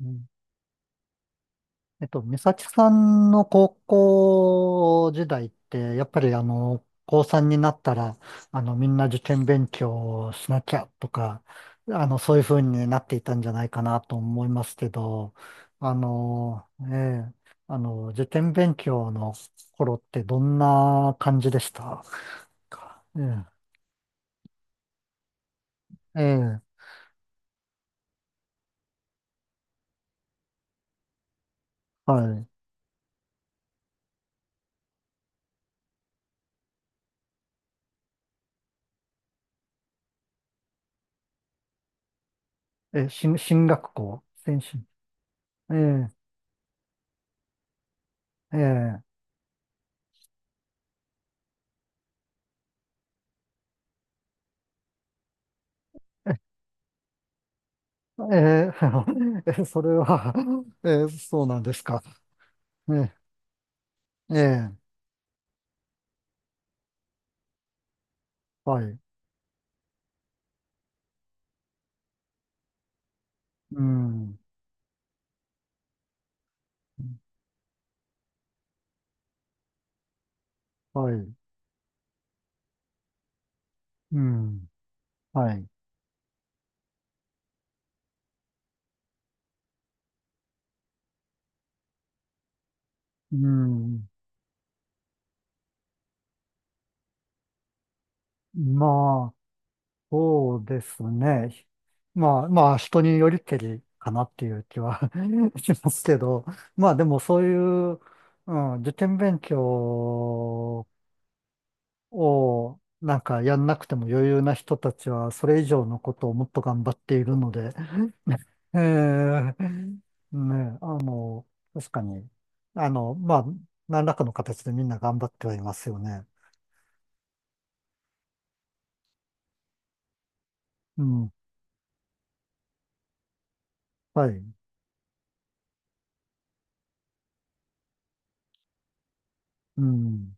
うん美咲さんの高校時代って、やっぱり高3になったら、みんな受験勉強をしなきゃとか、そういう風になっていたんじゃないかなと思いますけど、あの、ええ、受験勉強の頃ってどんな感じでしたかえ、ええ、はい。え、進学校、ええ、ええ。えー それは えーそうなんですか。ねええはい。うん。はい。うん。はい。うん。まあ、そうですね。まあ、人によりけりかなっていう気は しますけど、まあ、でもそういう、うん、受験勉強をなんかやんなくても余裕な人たちは、それ以上のことをもっと頑張っているので、ええ、ね、あの、確かに、あの、まあ、何らかの形でみんな頑張ってはいますよね。うん、はい、うん、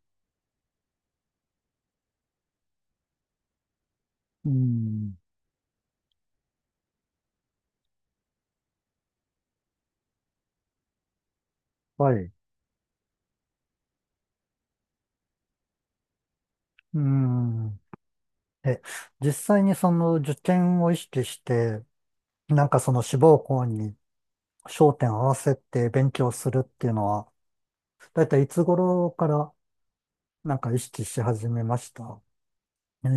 うん、はい、うん。え、実際にその受験を意識して、なんかその志望校に焦点を合わせて勉強するっていうのは、だいたいいつ頃から意識し始めましたええ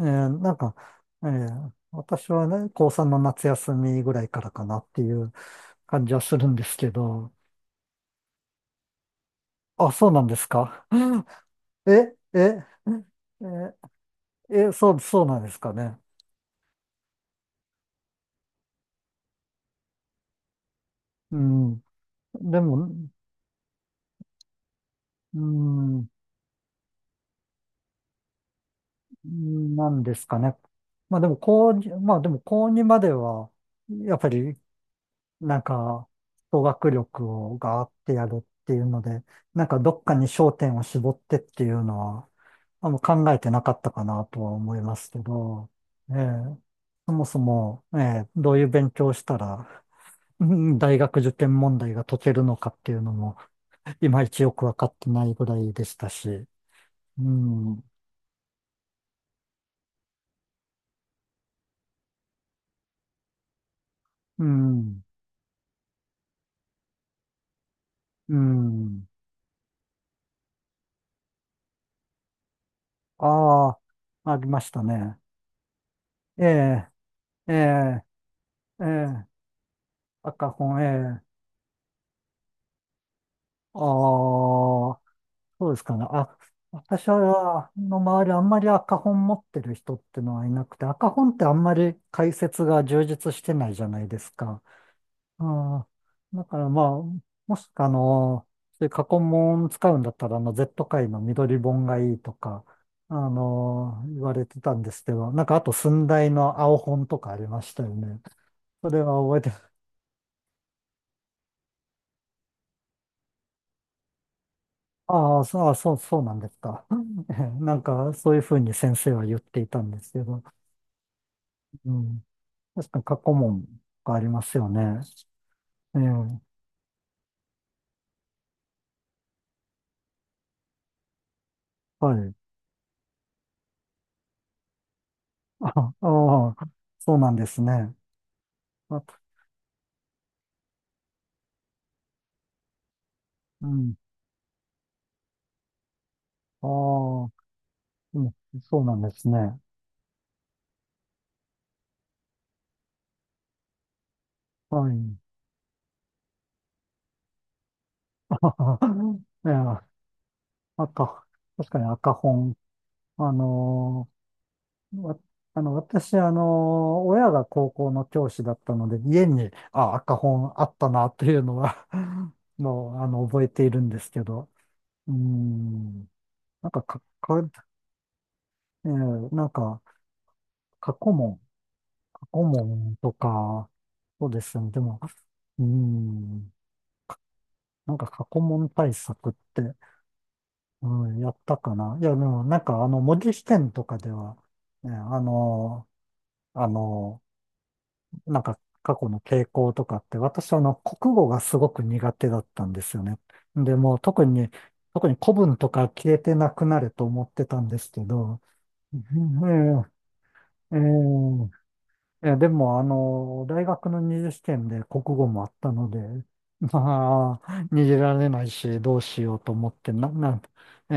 えーなんか、えー私はね、高3の夏休みぐらいからかなっていう感じはするんですけど、あ、そうなんですか。え、え、え、そうなんですかね。うん。でも、うん、なんですかね。まあでも、高2までは、やっぱりなんか、語学力をガーってやるっていうので、なんかどっかに焦点を絞ってっていうのは、あの考えてなかったかなとは思いますけど、ええ、そもそも、ええ、どういう勉強をしたら、うん大学受験問題が解けるのかっていうのも、いまいちよくわかってないぐらいでしたし、うん、うん、うん、ああ、ありましたね。ええ、ええ、ええ、ええ。ああ、そうですかね。あ、私の周りあんまり赤本持ってる人ってのはいなくて、赤本ってあんまり解説が充実してないじゃないですか。ああ、だからまあ、もしくはそういう過去問使うんだったら、Z 界の緑本がいいとか、言われてたんですけど、なんかあと寸大の青本とかありましたよね。それは覚えてああ、そうなんですか。えなんか、そういうふうに先生は言っていたんですけど、うん。確かに過去問がありますよね。ええ、はい。ああ、そうなんですね。あ、うん。ああ、うん、そうなんですね。はい。あえ赤、確かに赤本。あのわあの、私、親が高校の教師だったので、家に、あ、赤本あったな、というのは もう、覚えているんですけど、うーん、なんか、か、か、えーなんか、過去問、過去問とか、そうですね、でも、うーん、なんか過去問対策って、うん、やったかな。いや、でも、なんか、文字試験とかでは、ね、あの、あの、なんか過去の傾向とかって、私あの国語がすごく苦手だったんですよね。で、もう特に、特に古文とか消えてなくなると思ってたんですけど、うんええええでもあの、大学の二次試験で国語もあったので、まあ、逃げられないし、どうしようと思って、な、なん、え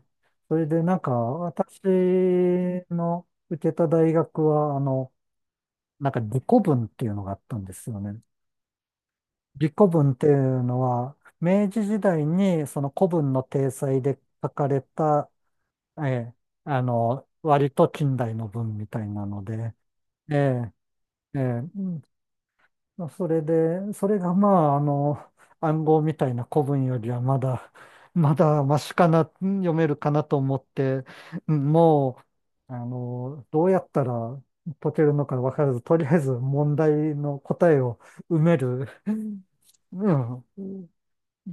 えそれでなんか、私の受けた大学は、なんか理古文っていうのがあったんですよね。李古文っていうのは、明治時代にその古文の体裁で書かれた、ええ、割と近代の文みたいなので、ええ、ええ、うそれで、それがまあ、暗号みたいな古文よりはまだ、まだマシかな、うん読めるかなと思って、うんもう、あの、どうやったら解けるのか分からず、とりあえず問題の答えを埋める、うん。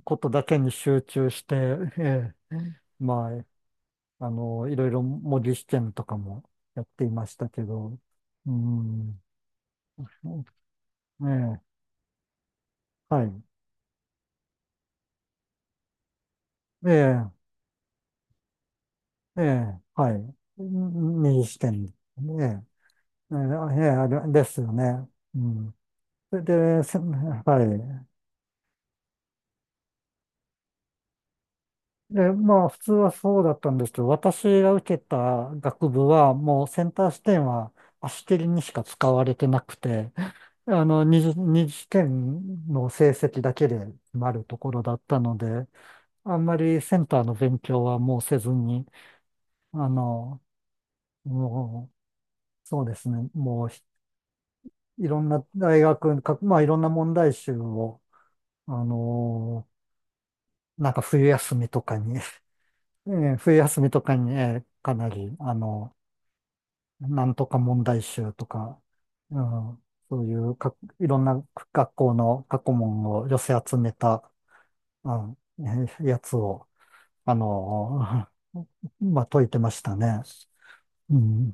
ことだけに集中して、ええ、まいろいろ模擬試験とかもやっていましたけど、うん、ええ、はい、ええ、ええ、はい、右試験、ええ、ええ、ええあれですよね。うん。それで、せはい。で、まあ、普通はそうだったんですけど、私が受けた学部は、もうセンター試験は足切りにしか使われてなくて、あの、二次試験の成績だけで決まるところだったので、あんまりセンターの勉強はもうせずに、あの、もそうですね、もうひいろんな大学、かまあいろんな問題集を、あの、なんか冬休みとかに えー冬休みとかに、えーかなり、なんとか問題集とか、うん、そういうか、いろんな学校の過去問を寄せ集めたあ、やつを、あの、まあ、解いてましたね。うん。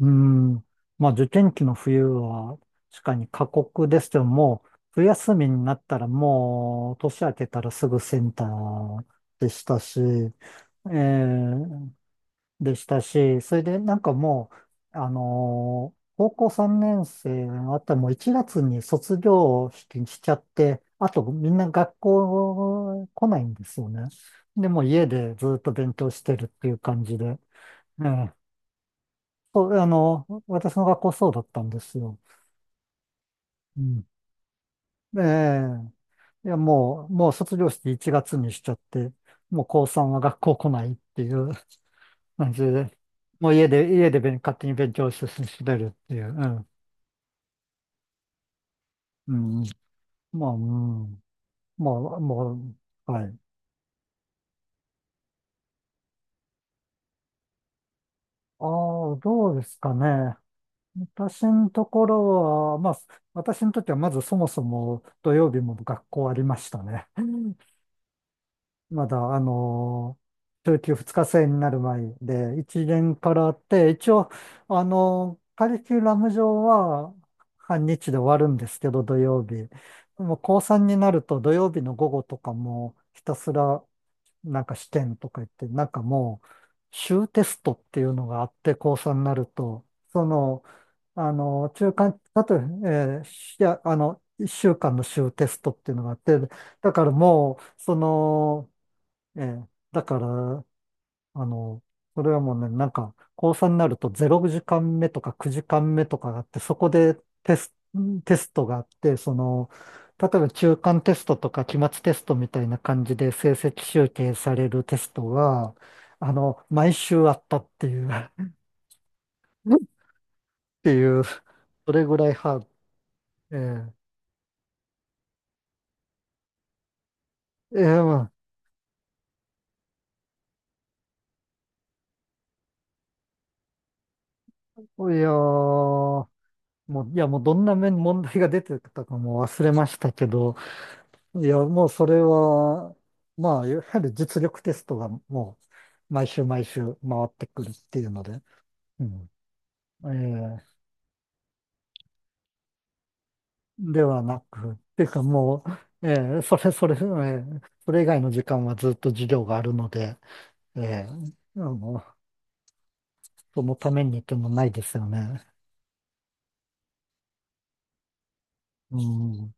うん。まあ、受験期の冬は、確かに過酷ですけども、冬休みになったらもう、年明けたらすぐセンターでしたし、ええでしたし、それでなんかもう、あのー高校3年生のあったらもう1月に卒業式にしちゃって、あとみんな学校来ないんですよね。で、もう家でずっと勉強してるっていう感じで。ええそう、私の学校そうだったんですよ。うん。ええいや、もう卒業式1月にしちゃって、もう高3は学校来ないっていう。うん、で、もう家で、家で勝手に勉強して進めるっていう。うん。うん。まあ、うん。まあ、もはい。ああ、どうですかね。私のところは、まあ、私にとってはまずそもそも土曜日も学校ありましたね。まだ、あのー、中級2日制になる前で、1年からあって、一応、あのーカリキュラム上は半日で終わるんですけど、土曜日。でも高3になると土曜日の午後とかもひたすらなんか試験とか言って、なんかもう、週テストっていうのがあって、高3になると、その、あのー、中間、あと、えーしあの、1週間の週テストっていうのがあって、だからもう、その、だから、あの、それはもうね、なんか、高3になると0時間目とか9時間目とかがあって、そこでテス、テストがあって、その、例えば中間テストとか期末テストみたいな感じで成績集計されるテストは、毎週あったっていう、っていう、それぐらいハード。ええ、ええ、まあ、いや、もうどんな面問題が出てたかもう忘れましたけど、いや、もうそれは、まあ、やはり実力テストがもう、毎週毎週回ってくるっていうので、うん。えーではなく、っていうかもう、えーそれそれ、えーそれ以外の時間はずっと授業があるので、えーあの、そのためにってもないですよね。うん。